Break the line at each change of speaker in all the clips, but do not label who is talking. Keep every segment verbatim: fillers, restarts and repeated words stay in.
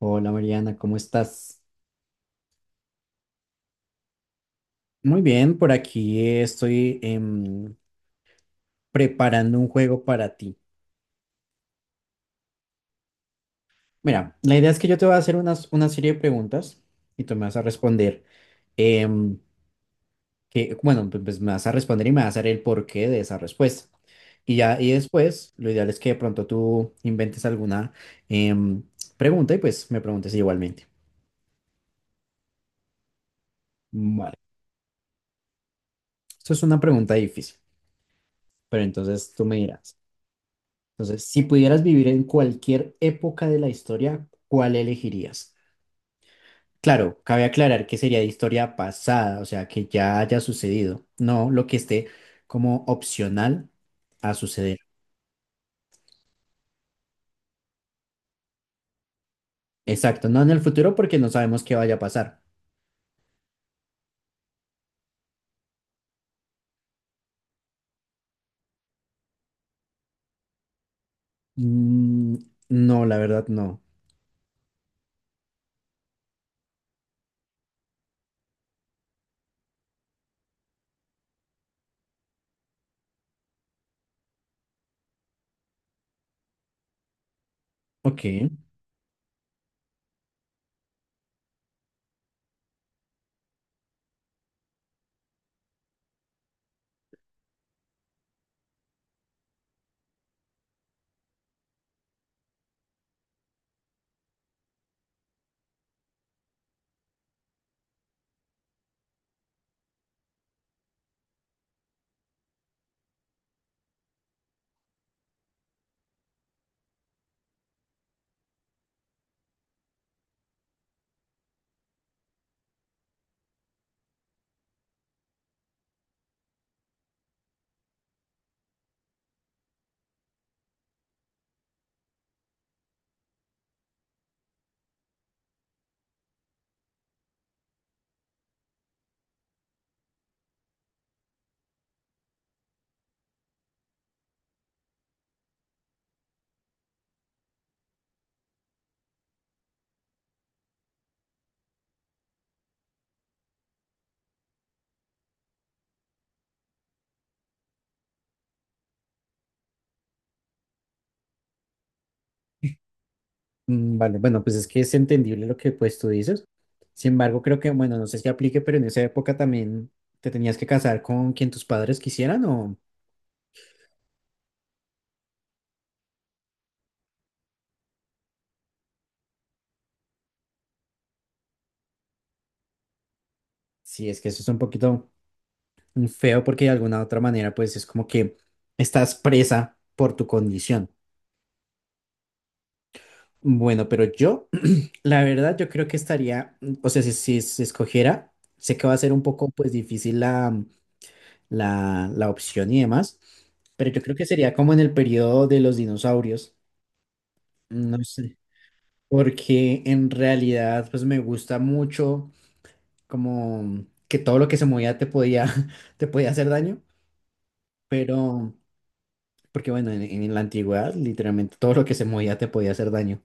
Hola, Mariana, ¿cómo estás? Muy bien, por aquí estoy em, preparando un juego para ti. Mira, la idea es que yo te voy a hacer unas, una serie de preguntas y tú me vas a responder, em, que, bueno, pues pues me vas a responder y me vas a dar el porqué de esa respuesta. Y ya, y después, lo ideal es que de pronto tú inventes alguna em, pregunta y pues me preguntes igualmente. Vale, esto es una pregunta difícil, pero entonces tú me dirás. Entonces, si pudieras vivir en cualquier época de la historia, ¿cuál elegirías? Claro, cabe aclarar que sería de historia pasada, o sea, que ya haya sucedido, no lo que esté como opcional a suceder. Exacto, no en el futuro porque no sabemos qué vaya a pasar. Mm, no, la verdad no. Ok, mm, vale, bueno, pues es que es entendible lo que pues tú dices. Sin embargo, creo que, bueno, no sé si aplique, pero en esa época también te tenías que casar con quien tus padres quisieran o... Sí, es que eso es un poquito mm, feo porque de alguna otra manera pues es como que estás presa por tu condición. Bueno, pero yo, la verdad, yo creo que estaría, mm, o sea, si, si se escogiera, sé que va a ser un poco pues difícil la, la, la opción y demás, pero yo creo que sería como en el periodo de los dinosaurios, no sé, porque en realidad pues me gusta mucho como que todo lo que se movía te podía, te podía hacer daño, pero... Porque bueno, en, en la antigüedad literalmente todo lo que se movía te podía hacer daño.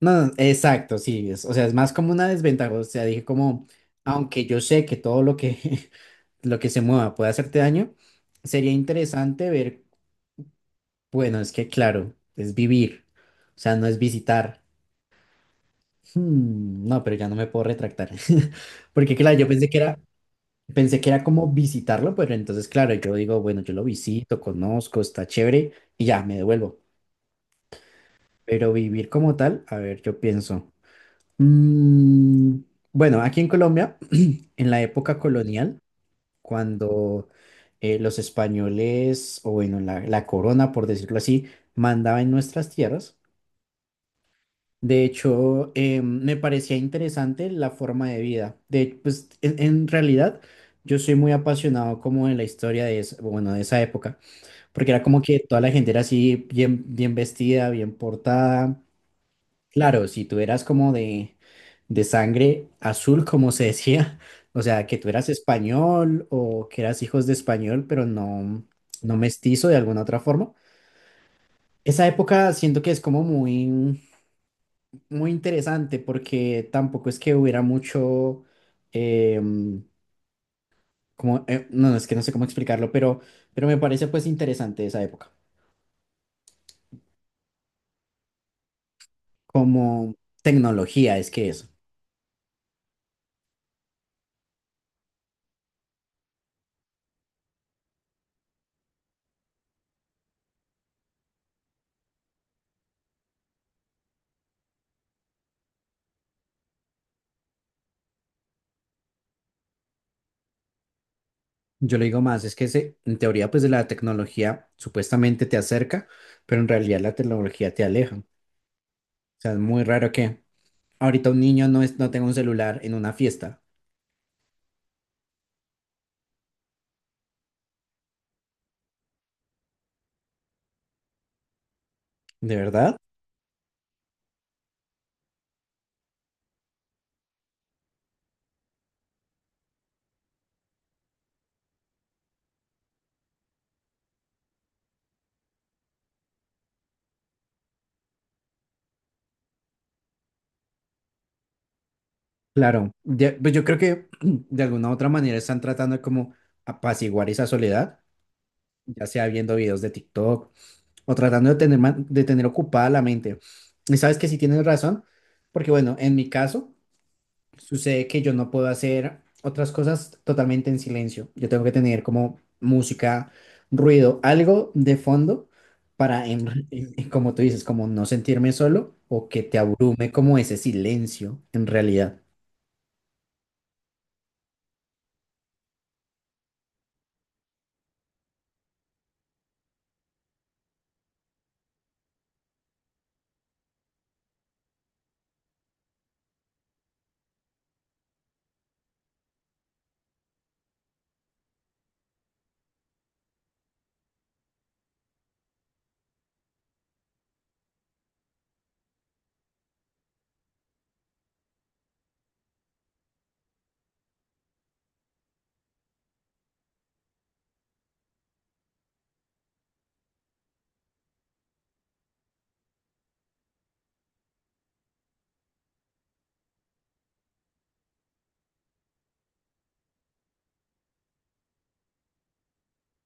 No, no, exacto, sí, es- o sea, es más como una desventaja, o sea, dije como, aunque yo sé que todo lo que, lo que se mueva puede hacerte daño, sería interesante ver, bueno, es que claro, es vivir, o sea, no es visitar. Hmm, no, pero ya no me puedo retractar. Porque claro, yo pensé que era, pensé que era como visitarlo, pero entonces claro, yo digo, bueno, yo lo visito, conozco, está chévere y ya, me devuelvo. Pero vivir como tal, a ver, yo pienso. Mm, bueno, aquí en Colombia, en la época colonial, cuando eh, los españoles, o bueno, la, la corona, por decirlo así, mandaba en nuestras tierras. De hecho, eh, me parecía interesante la forma de vida. De, pues, en, en realidad, yo soy muy apasionado como de la historia de, es- bueno, de esa época, porque era como que toda la gente era así, bien, bien vestida, bien portada. Claro, si tú eras como de, de sangre azul, como se decía, o sea, que tú eras español o que eras hijos de español, pero no, no mestizo de alguna otra forma. Esa época siento que es como muy, muy interesante porque tampoco es que hubiera mucho, em, como, eh, no, no, es que no sé cómo explicarlo, pero, pero me parece pues interesante esa época. Como tecnología es que es. Yo le digo más, es que se- en teoría pues de la tecnología supuestamente te acerca, pero en realidad la tecnología te aleja. O sea, es muy raro que ahorita un niño no, es, no tenga un celular en una fiesta, ¿de verdad? Claro, de- pues yo creo que de alguna u otra manera están tratando de como apaciguar esa soledad, ya sea viendo videos de TikTok o tratando de tener, man- de tener ocupada la mente. Y sabes que sí tienes razón, porque bueno, en mi caso... Sucede que yo no puedo hacer otras cosas totalmente en silencio. Yo tengo que tener como música, ruido, algo de fondo para, en- en- en- como tú dices, como no sentirme solo o que te abrume como ese silencio en realidad.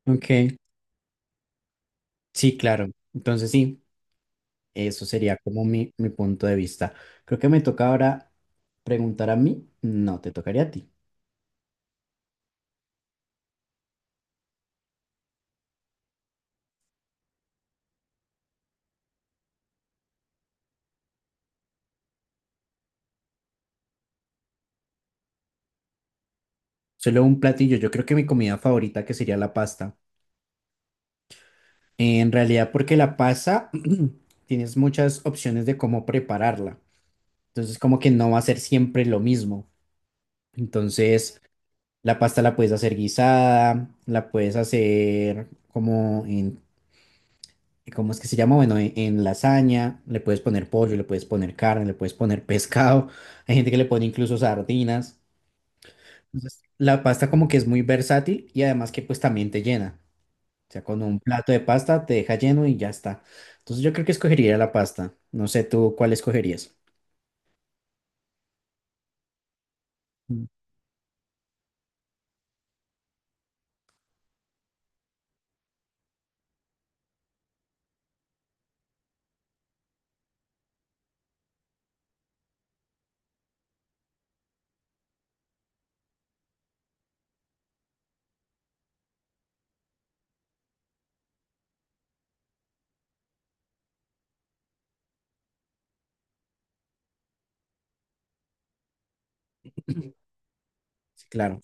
Ok, sí, claro. Entonces sí, eso sería como mi, mi punto de vista. Creo que me toca ahora preguntar a mí. No, te tocaría a ti. Solo un platillo. Yo creo que mi comida favorita que sería la pasta. En realidad, porque la pasta tienes muchas opciones de cómo prepararla. Entonces, como que no va a ser siempre lo mismo. Entonces, la pasta la puedes hacer guisada, la puedes hacer como en, ¿cómo es que se llama? Bueno, en, en lasaña, le puedes poner pollo, le puedes poner carne, le puedes poner pescado. Hay gente que le pone incluso sardinas. Entonces, la pasta como que es muy versátil y además que pues también te llena. O sea, con un plato de pasta te deja lleno y ya está. Entonces yo creo que escogería la pasta. No sé tú cuál escogerías. Mm. Sí, claro.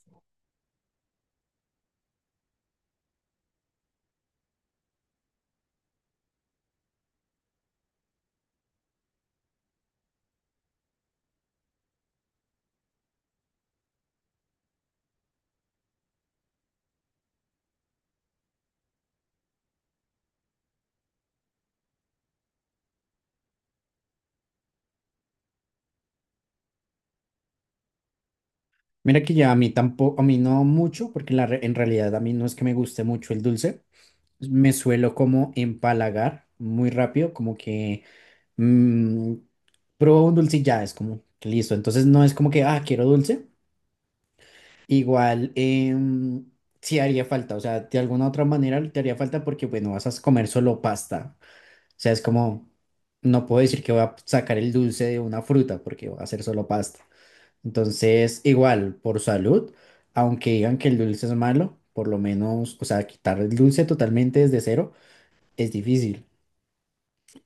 Mira que ya a mí tampoco, a mí no mucho, porque la re- en realidad a mí no es que me guste mucho el dulce. Me suelo como empalagar muy rápido, como que mm, pruebo un dulce y ya es como que listo. Entonces no es como que, ah, quiero dulce. Igual, em, sí haría falta, o sea, de alguna otra manera te haría falta porque, bueno, vas a comer solo pasta. Sea, es como, no puedo decir que voy a sacar el dulce de una fruta porque va a ser solo pasta. Entonces, igual, por salud, aunque digan que el dulce es malo, por lo menos, o sea, quitar el dulce totalmente desde cero es difícil.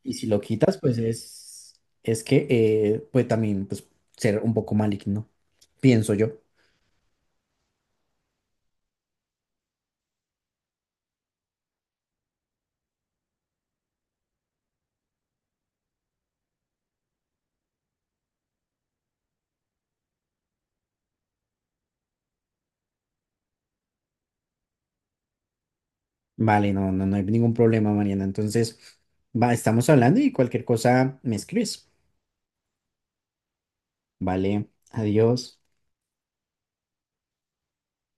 Y si lo quitas, pues es, es que eh, puede también pues, ser un poco maligno, pienso yo. Vale, no, no, no hay ningún problema, Mariana. Entonces, va, estamos hablando y cualquier cosa me escribes. Vale, adiós.